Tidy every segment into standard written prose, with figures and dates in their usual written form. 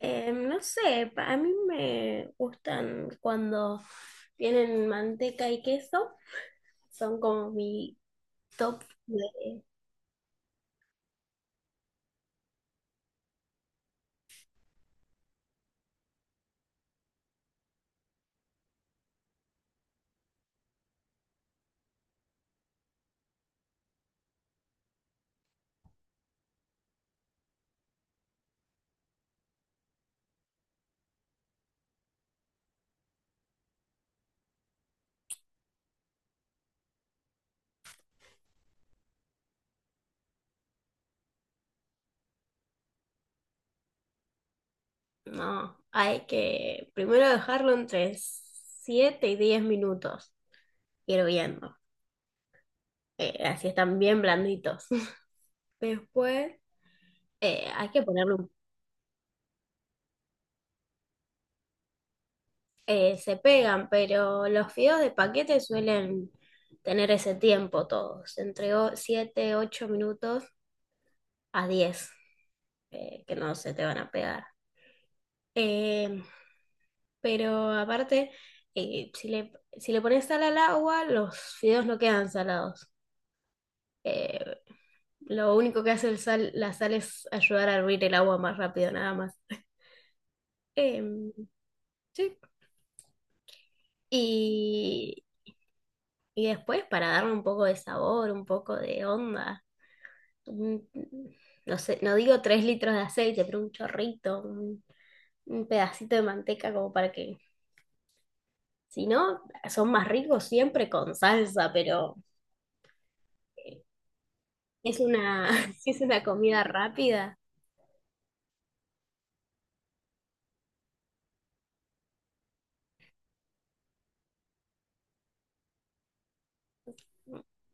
No sé, a mí me gustan cuando tienen manteca y queso, son como mi top de... No, hay que primero dejarlo entre 7 y 10 minutos hirviendo, así están bien blanditos. Después hay que se pegan, pero los fideos de paquete suelen tener ese tiempo todos, entre 7 8 minutos a 10, que no se te van a pegar. Eh, pero aparte, eh, si le, si le pones sal al agua, los fideos no quedan salados. Eh, lo único que hace el sal, la sal es ayudar a hervir el agua más rápido, nada más. Em, sí. Y, y después, para darle un poco de sabor, un poco de onda, un- no sé, no digo 3 litros de aceite, pero un chorrito, un pedacito de manteca como para que... Si no, son más ricos siempre con salsa, pero eh, es una, si es una comida rápida.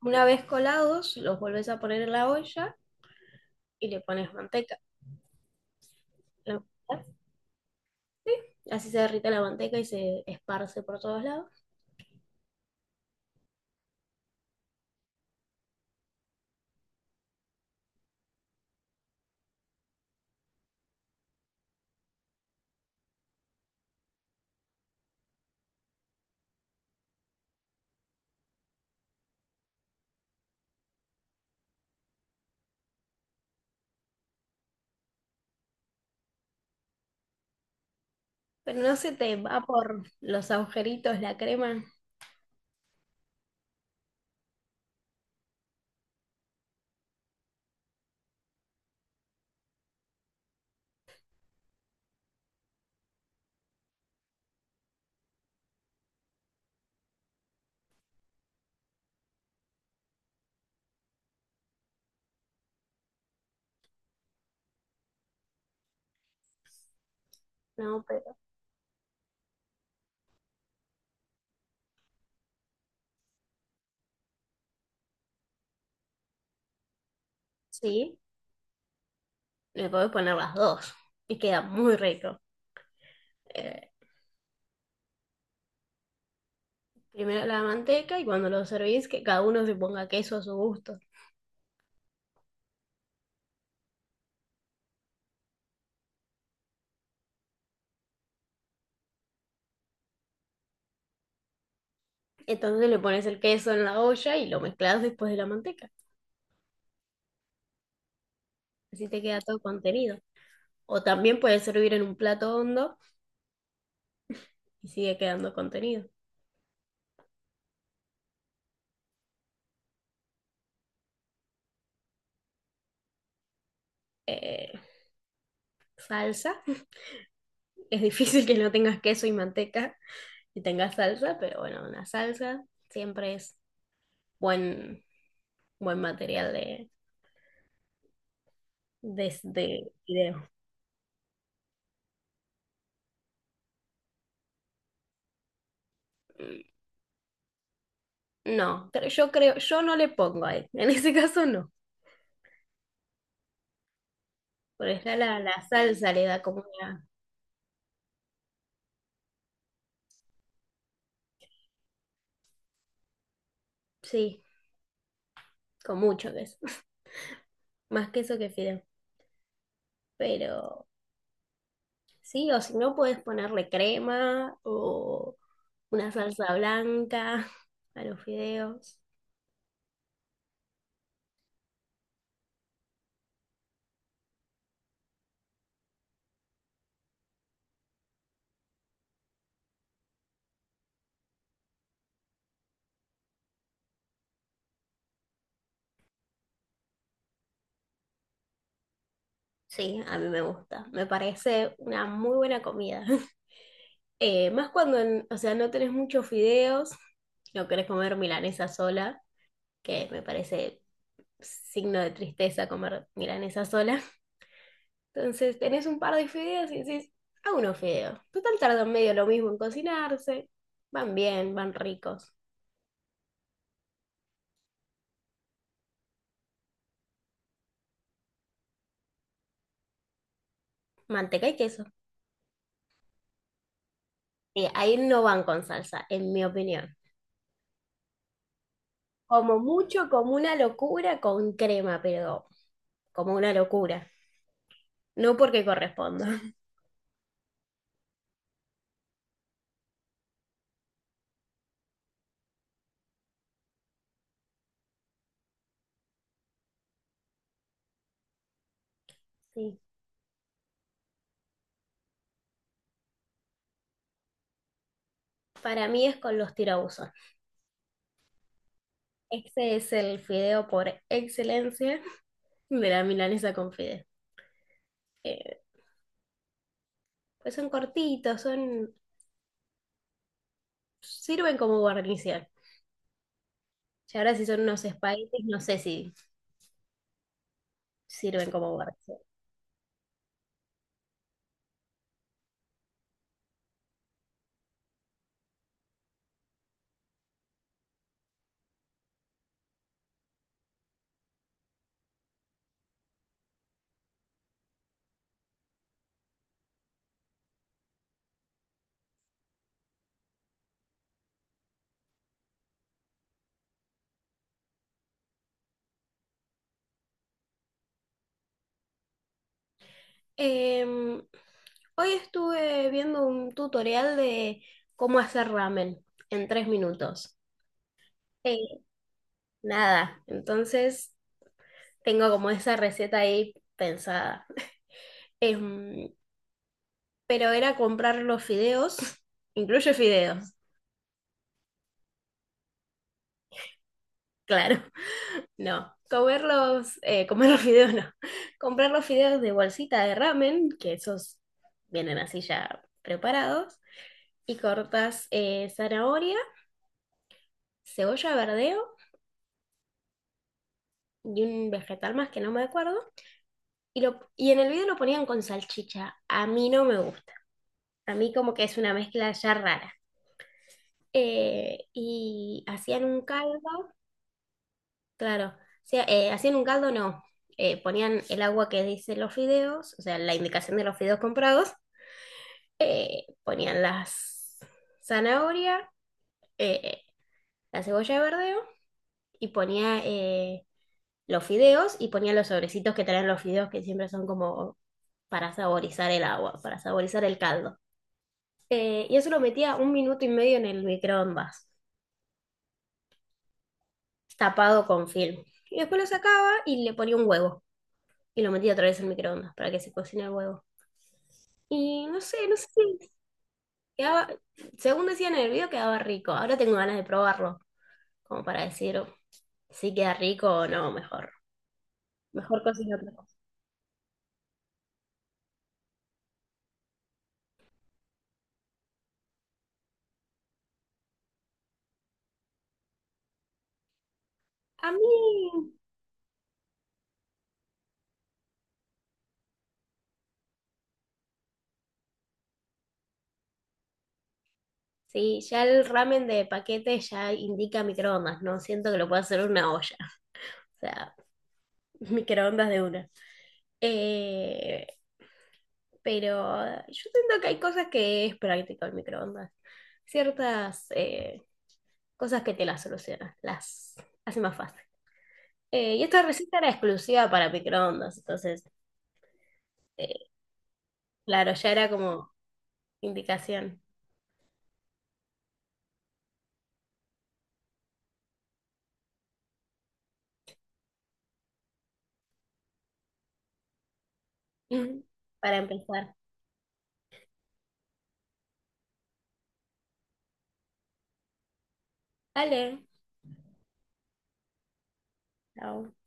Una vez colados, los volvés a poner en la olla y le pones manteca. ¿Lo escuchás? Sí, así se derrite la manteca y se esparce por todos lados. Pero no se te va por los agujeritos la crema. No, pero sí, le podés poner las dos y queda muy rico. Eh, Primero la manteca y cuando lo servís, que cada uno se ponga queso a su gusto. Entonces le pones el queso en la olla y lo mezclas después de la manteca. Así te queda todo contenido. O también puedes servir en un plato hondo y sigue quedando contenido. Eh, Salsa. Es difícil que no tengas queso y manteca y tengas salsa, pero bueno, una salsa siempre es buen, buen material de video. Mm, no, yo creo, yo no le pongo ahí. En ese caso no. Porque ya la salsa le da como una... Sí, con mucho queso. Más queso que fideo. Pero sí, o si no, puedes ponerle crema o una salsa blanca a los fideos. Sí, a mí me gusta. Me parece una muy buena comida. Más cuando, o sea, no tenés muchos fideos, no querés comer milanesa sola, que me parece signo de tristeza comer milanesa sola. Entonces tenés un par de fideos y decís, hago unos fideos. Total tardan medio lo mismo en cocinarse. Van bien, van ricos. Manteca y queso. Sí, ahí no van con salsa, en mi opinión. Como mucho, como una locura con crema, pero como una locura. No porque corresponda. Sí, para mí es con los tirabuzos. Este es el fideo por excelencia de la milanesa con fideo. Eh, pues son cortitos, son, sirven como guarnición. Y ahora si son unos espaguetis, no sé si sirven como guarnición. Em, Hoy estuve viendo un tutorial de cómo hacer ramen en 3 minutos. Eh, Nada, entonces tengo como esa receta ahí pensada. Em, pero era comprar los fideos, incluye fideos, claro, no. Comerlos, comer los fideos no. Comprar los fideos de bolsita de ramen, que esos vienen así ya preparados, y cortas, zanahoria, cebolla verdeo y un vegetal más que no me acuerdo. Y, lo y en el video lo ponían con salchicha. A mí no me gusta. A mí como que es una mezcla ya rara. Y hacían un caldo, claro. O sea, hacían un caldo, no. Ponían el agua que dice los fideos, o sea, la indicación de los fideos comprados. Ponían las zanahoria, eh, la cebolla de verdeo y ponía los fideos y ponía los sobrecitos que traen los fideos que siempre son como para saborizar el agua, para saborizar el caldo. Y eso lo metía 1 minuto y medio en el microondas, tapado con film. Y después lo sacaba y le ponía un huevo. Y lo metía otra vez en el microondas para que se cocine el huevo. Y no sé, quedaba, según decían en el video, quedaba rico. Ahora tengo ganas de probarlo, como para decir si queda rico o no, mejor. Mejor cocina otra cosa. A mí, sí, ya el ramen de paquete ya indica microondas, no siento que lo pueda hacer en una olla. O sea, microondas de una. Eh, pero yo siento que hay cosas que es práctico el microondas. Ciertas cosas que te las solucionan, las hace más fácil. Y esta receta era exclusiva para microondas, entonces, eh, claro, ya era como indicación para empezar. Dale, chao.